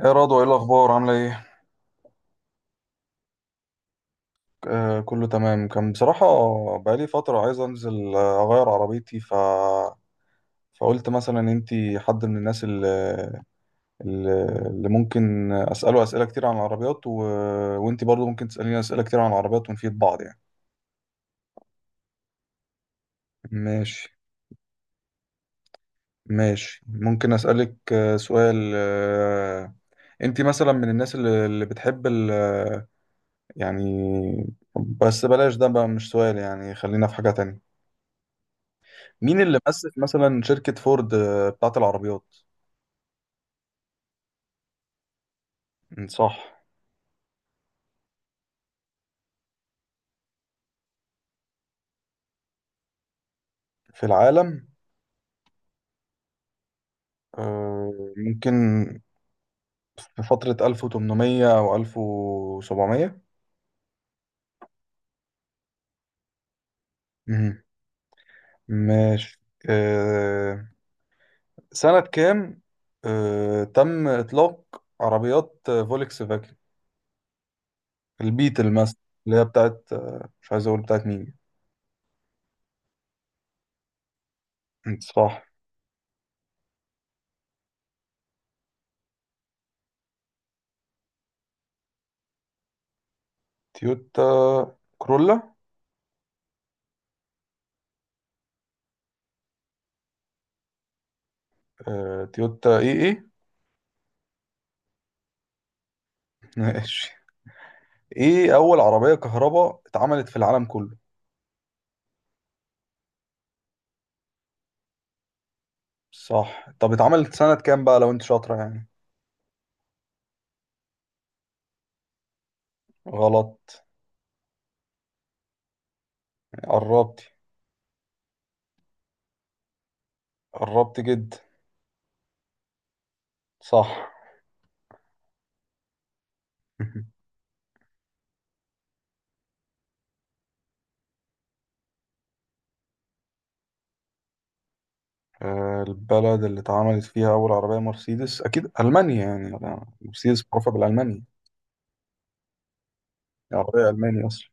ايه رضوى، ايه الاخبار؟ عامله ايه؟ كله تمام. كان بصراحه بقالي فتره عايز انزل، اغير عربيتي، فقلت مثلا انتي حد من الناس اللي ممكن اساله اسئله كتير عن العربيات، وانتي برضو ممكن تساليني اسئله كتير عن العربيات ونفيد بعض يعني. ماشي. ماشي، ممكن اسالك سؤال؟ انتي مثلا من الناس اللي بتحب يعني بس بلاش ده بقى، مش سؤال يعني، خلينا في حاجه تانية. مين اللي مؤسس مثلا شركة فورد بتاعت العربيات؟ صح. في العالم؟ ممكن في فترة 1800 أو 1700. مهم. ماشي. آه، سنة كام تم إطلاق عربيات فولكس فاجن البيتل مثلا؟ اللي هي بتاعت، مش عايز أقول بتاعت مين. صح. تويوتا كرولا. تويوتا إيه إيه. ماشي. ايه اول عربيه كهرباء اتعملت في العالم كله؟ صح. طب اتعملت سنة كام بقى لو انت شاطرة يعني؟ غلط. قربتي. قربتي جدا. صح. البلد اللي اتعملت فيها أول عربية مرسيدس أكيد ألمانيا يعني. أنا- مرسيدس معروفة بالألمانيا. عربية ألمانية أصلا.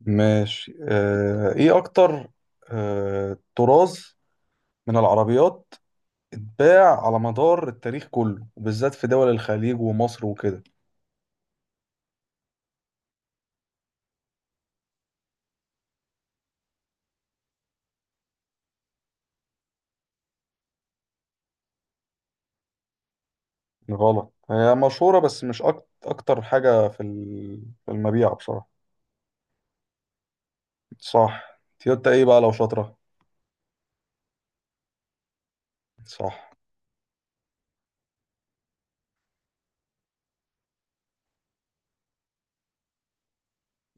ماشي. إيه أكتر طراز من العربيات اتباع على مدار التاريخ كله، وبالذات في دول الخليج ومصر وكده؟ غلط. هي مشهورة بس مش أكتر حاجة في في المبيع بصراحة. صح. تيوتا ايه بقى لو شاطرة؟ صح.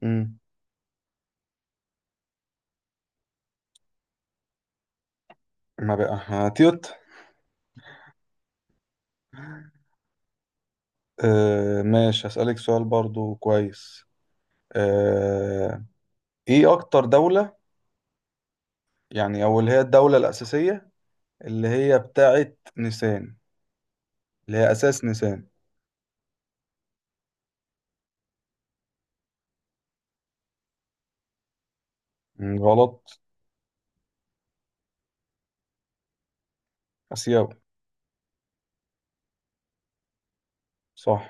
امم. ما بقى، ها، تيوتا. ماشي، هسألك سؤال برضو كويس. آه ايه اكتر دولة، يعني او اللي هي الدولة الأساسية، اللي هي بتاعت نيسان، اللي هي أساس نيسان؟ غلط. آسيوي. صح.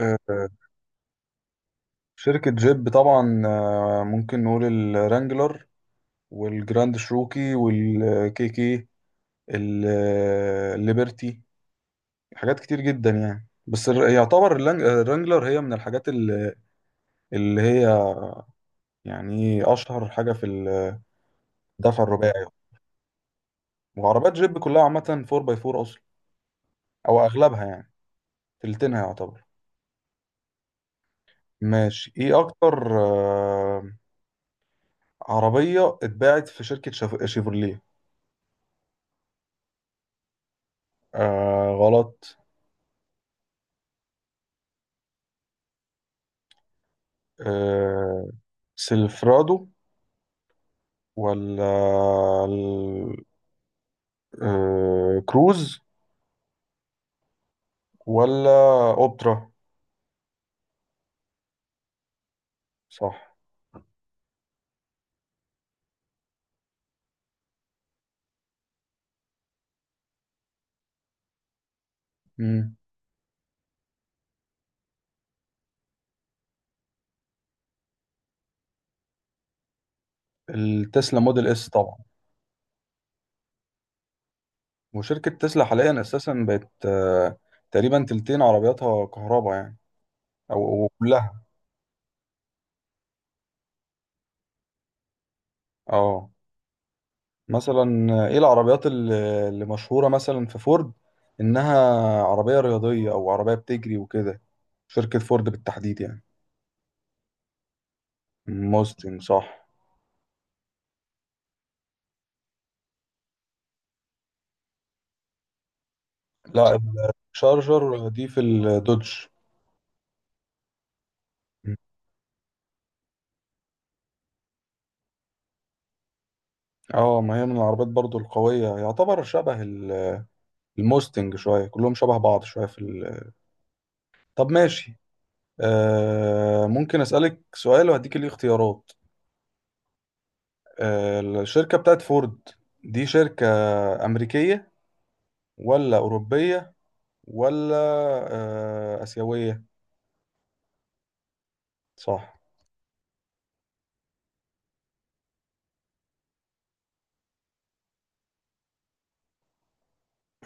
آه شركة جيب طبعا، ممكن نقول الرانجلر، والجراند شروكي والكيكي، الليبرتي. حاجات كتير جدا يعني. بس يعتبر الرانجلر هي من الحاجات اللي هي، يعني اشهر حاجه في الدفع الرباعي. وعربيات جيب كلها عامه 4 باي 4 اصلا، او اغلبها يعني، تلتينها يعتبر. ماشي، ايه اكتر عربيه اتباعت في شركه شيفروليه؟ غلط. آه سيلفرادو، ولا ال- كروز، ولا اوبترا؟ صح. مم. التسلا موديل اس طبعا. وشركة تسلا حاليا أساسا بقت، تقريبا تلتين عربياتها كهرباء يعني، أو كلها. اه، مثلا إيه العربيات اللي مشهورة مثلا في فورد، إنها عربية رياضية أو عربية بتجري وكده، شركة فورد بالتحديد يعني؟ موستنج صح. لا، الشارجر دي في الدوج. اه، ما هي من العربيات برضو القوية، يعتبر شبه الموستنج شوية. كلهم شبه بعض شوية في طب ماشي. ممكن أسألك سؤال وهديك ليه اختيارات؟ الشركة بتاعت فورد دي شركة أمريكية، ولا أوروبية، ولا آسيوية؟ صح.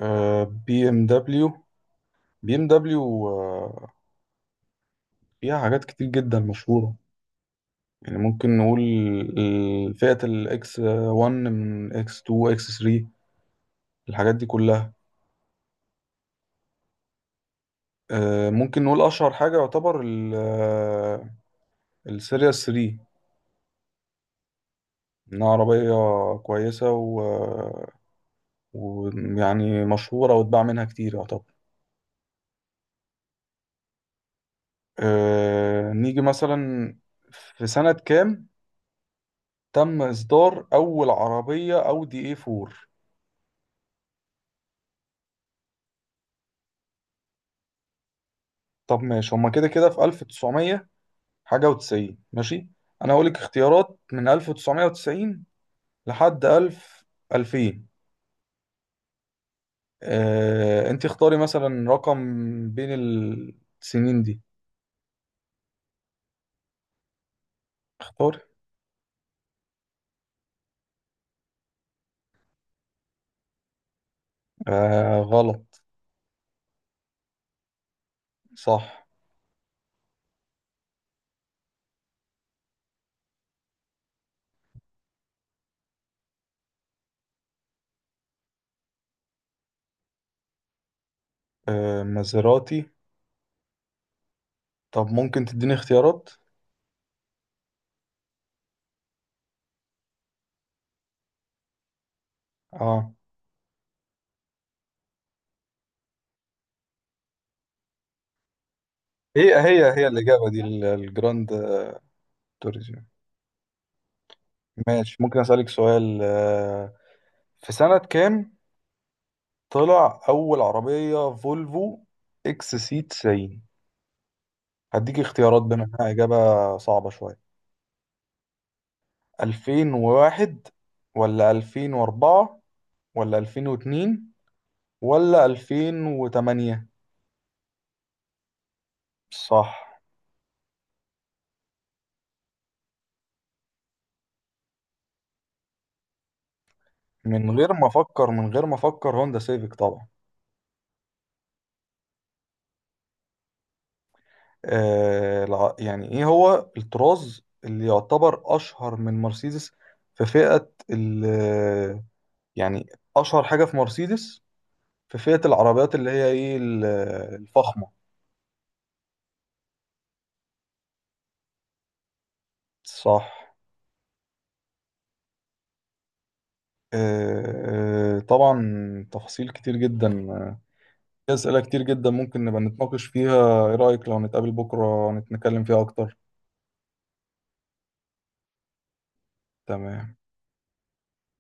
بي ام دبليو. بي ام دبليو، فيها حاجات كتير جدا مشهورة يعني. ممكن نقول فئة الاكس 1، من اكس 2، اكس 3، الحاجات دي كلها. ممكن نقول أشهر حاجة يعتبر السيريا 3، إنها عربية كويسة ويعني مشهورة، واتباع منها كتير يعتبر. نيجي مثلا، في سنة كام تم إصدار أول عربية أودي اي 4؟ طب ماشي، هما كده كده في 1900 حاجة وتسعين. ماشي، أنا هقولك اختيارات من 1990 لحد 1000 2000. أنت اختاري مثلا رقم بين السنين دي. اختاري. غلط. صح. مازيراتي؟ طب ممكن تديني اختيارات؟ اه، هي الإجابة دي الجراند توريزم. ماشي، ممكن أسألك سؤال؟ في سنة كام طلع أول عربية فولفو إكس سي 90؟ هديك اختيارات بما إنها إجابة صعبة شوية. 2001 ولا 2004 ولا 2002 ولا 2008؟ صح. من غير ما أفكر، من غير ما أفكر، هوندا سيفيك طبعا. يعني ايه هو الطراز اللي يعتبر اشهر من مرسيدس في فئة يعني اشهر حاجة في مرسيدس في فئة العربيات اللي هي ايه الفخمة؟ صح. طبعا تفاصيل كتير جدا. في أسئلة كتير جدا ممكن نبقى نتناقش فيها. ايه رأيك لو نتقابل بكرة نتكلم فيها اكتر؟ تمام.